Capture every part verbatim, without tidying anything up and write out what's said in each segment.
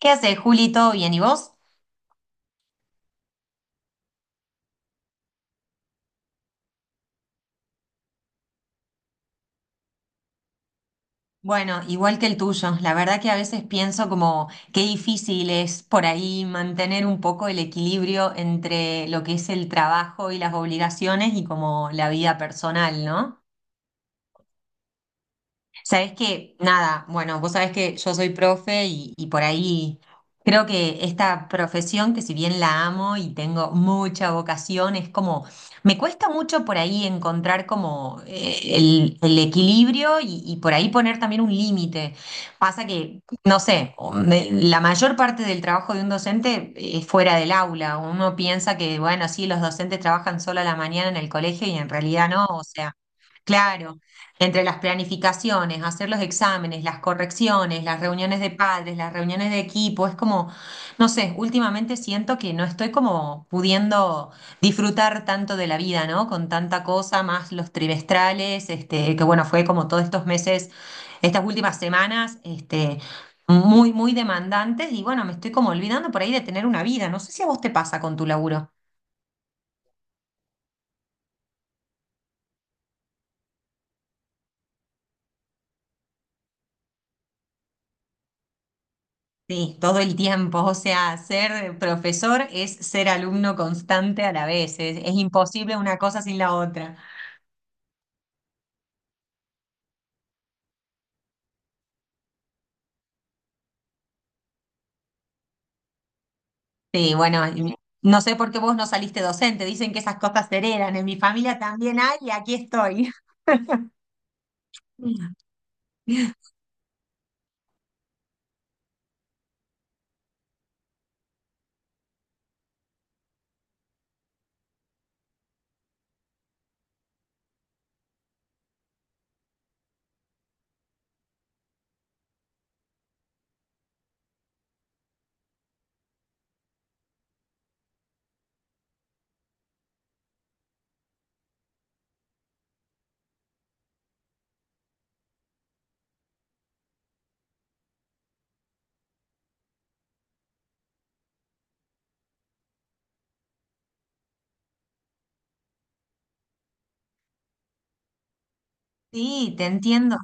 ¿Qué haces, Juli? ¿Todo bien? ¿Y vos? Bueno, igual que el tuyo. La verdad que a veces pienso como qué difícil es por ahí mantener un poco el equilibrio entre lo que es el trabajo y las obligaciones y como la vida personal, ¿no? Sabés que, nada, bueno, vos sabés que yo soy profe y, y por ahí creo que esta profesión, que si bien la amo y tengo mucha vocación, es como, me cuesta mucho por ahí encontrar como eh, el, el equilibrio y, y por ahí poner también un límite. Pasa que, no sé, o me- la mayor parte del trabajo de un docente es fuera del aula. Uno piensa que, bueno, sí, los docentes trabajan solo a la mañana en el colegio y en realidad no, o sea, claro. Entre las planificaciones, hacer los exámenes, las correcciones, las reuniones de padres, las reuniones de equipo, es como, no sé, últimamente siento que no estoy como pudiendo disfrutar tanto de la vida, ¿no? Con tanta cosa, más los trimestrales, este, que bueno, fue como todos estos meses, estas últimas semanas, este, muy, muy demandantes y bueno, me estoy como olvidando por ahí de tener una vida. No sé si a vos te pasa con tu laburo. Sí, todo el tiempo. O sea, ser profesor es ser alumno constante a la vez. Es, es imposible una cosa sin la otra. Sí, bueno, y no sé por qué vos no saliste docente. Dicen que esas cosas se heredan. En mi familia también hay y aquí estoy. Sí, te entiendo.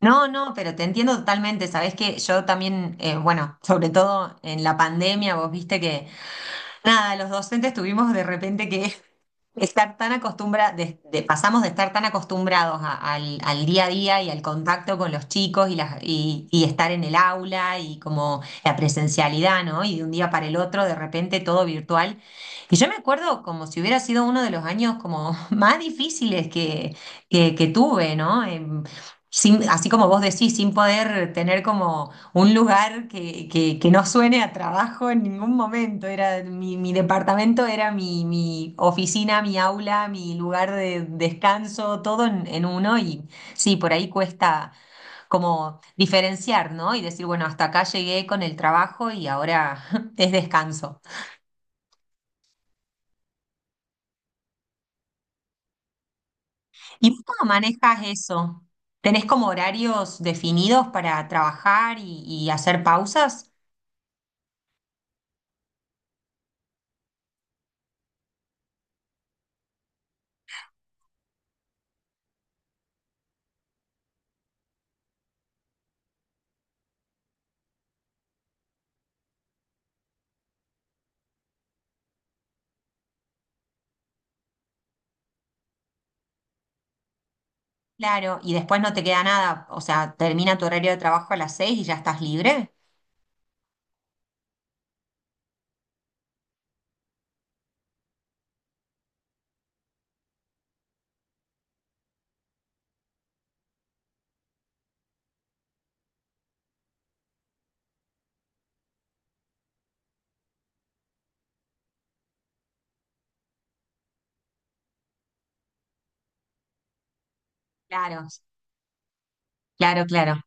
No, no, pero te entiendo totalmente. Sabés que yo también, eh, bueno, sobre todo en la pandemia, vos viste que, nada, los docentes tuvimos de repente que Estar tan acostumbra, pasamos de estar tan acostumbrados a- al, al día a día y al contacto con los chicos y, las- y, y estar en el aula y como la presencialidad, ¿no? Y de un día para el otro, de repente todo virtual. Y yo me acuerdo como si hubiera sido uno de los años como más difíciles que, que, que tuve, ¿no? Em, sin- así como vos decís, sin poder tener como un lugar que, que, que no suene a trabajo en ningún momento. Era mi, mi departamento era mi, mi oficina, mi aula, mi lugar de descanso, todo en, en uno. Y sí, por ahí cuesta como diferenciar, ¿no? Y decir, bueno, hasta acá llegué con el trabajo y ahora es descanso. ¿Y vos cómo manejas eso? ¿Tenés como horarios definidos para trabajar y, y hacer pausas? Claro, y después no te queda nada, o sea, termina tu horario de trabajo a las seis y ya estás libre. Claro, claro, claro.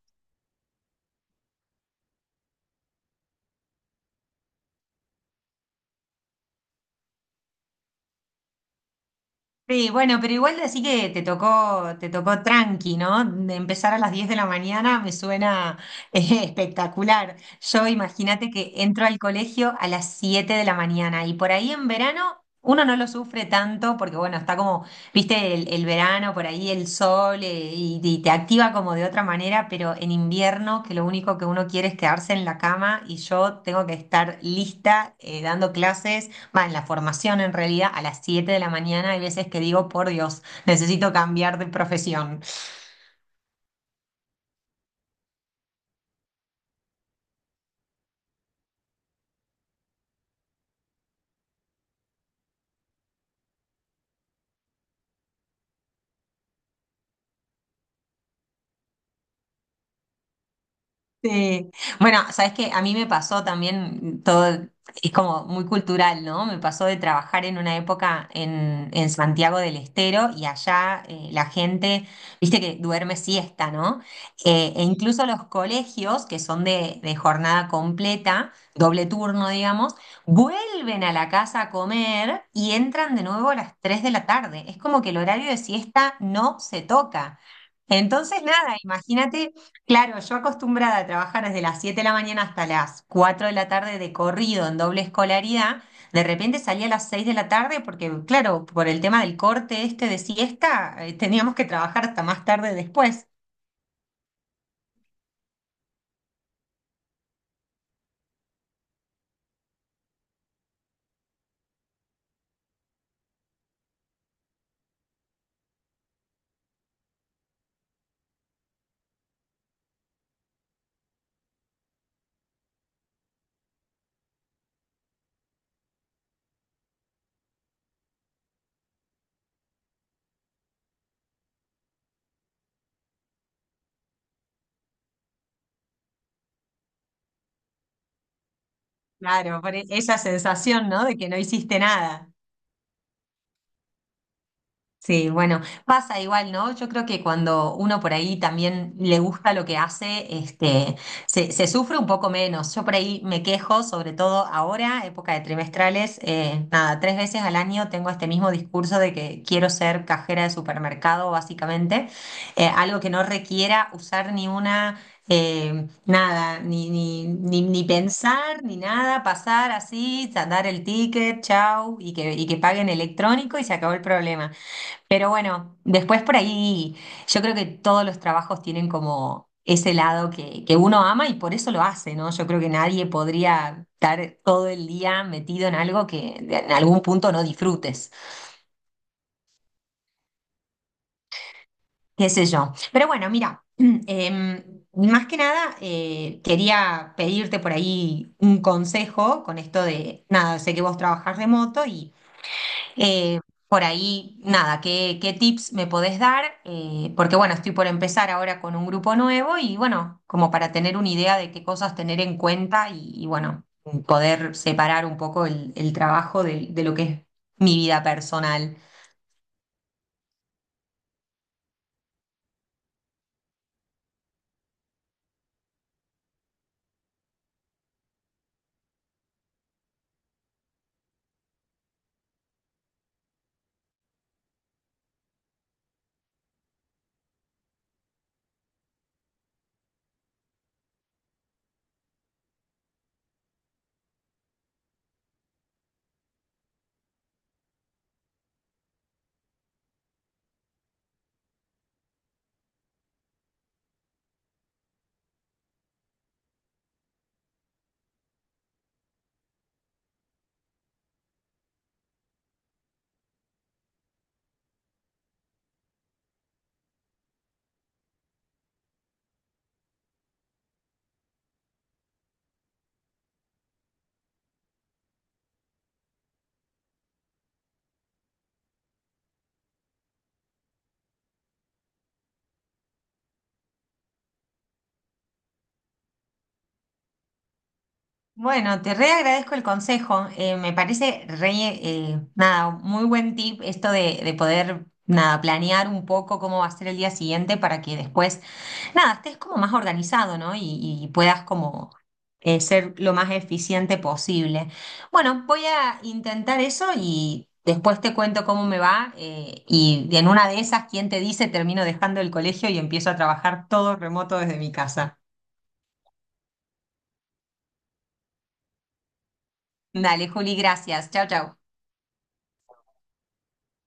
Sí, bueno, pero igual así que te tocó, te tocó tranqui, ¿no? De empezar a las diez de la mañana me suena eh, espectacular. Yo imagínate que entro al colegio a las siete de la mañana y por ahí en verano uno no lo sufre tanto porque bueno, está como, viste, el, el verano, por ahí el sol eh, y, y te activa como de otra manera, pero en invierno que lo único que uno quiere es quedarse en la cama y yo tengo que estar lista eh, dando clases más en la formación en realidad, a las siete de la mañana hay veces que digo, por Dios, necesito cambiar de profesión. Sí. Bueno, sabes que a mí me pasó también todo, es como muy cultural, ¿no? Me pasó de trabajar en una época en, en Santiago del Estero y allá eh, la gente, viste que duerme siesta, ¿no? Eh, e incluso los colegios, que son de, de jornada completa, doble turno, digamos, vuelven a la casa a comer y entran de nuevo a las tres de la tarde. Es como que el horario de siesta no se toca. Entonces, nada, imagínate. Claro, yo acostumbrada a trabajar desde las siete de la mañana hasta las cuatro de la tarde de corrido en doble escolaridad, de repente salía a las seis de la tarde porque, claro, por el tema del corte este de siesta, eh, teníamos que trabajar hasta más tarde después. Claro, por e- esa sensación, ¿no? De que no hiciste nada. Sí, bueno, pasa igual, ¿no? Yo creo que cuando uno por ahí también le gusta lo que hace, este, se, se sufre un poco menos. Yo por ahí me quejo, sobre todo ahora, época de trimestrales, eh, nada, tres veces al año tengo este mismo discurso de que quiero ser cajera de supermercado, básicamente, eh, algo que no requiera usar ni una... eh, nada, ni, ni, ni, ni pensar, ni nada, pasar así, dar el ticket, chau, y que, y que paguen electrónico y se acabó el problema. Pero bueno, después por ahí yo creo que todos los trabajos tienen como ese lado que, que uno ama y por eso lo hace, ¿no? Yo creo que nadie podría estar todo el día metido en algo que de- en algún punto no disfrutes, qué sé yo. Pero bueno, mira, em, más que nada eh, quería pedirte por ahí un consejo con esto de, nada, sé que vos trabajás remoto. Eh, por ahí, nada, ¿qué, ¿qué tips me podés dar? Eh, porque bueno, estoy por empezar ahora con un grupo nuevo y bueno, como para tener una idea de qué cosas tener en cuenta y, y, bueno, poder separar un poco el, el trabajo de, de lo que es mi vida personal. Bueno, te re agradezco el consejo. Eh, me parece re, eh, nada, muy buen tip esto de, de poder, nada, planear un poco cómo va a ser el día siguiente para que después, nada, estés como más organizado, ¿no? Y, y puedas como eh, ser lo más eficiente posible. Bueno, voy a intentar eso y después te cuento cómo me va. Eh, y en una de esas, ¿quién te dice? Termino dejando el colegio y empiezo a trabajar todo remoto desde mi casa. Dale, Juli, gracias. Chao, chao.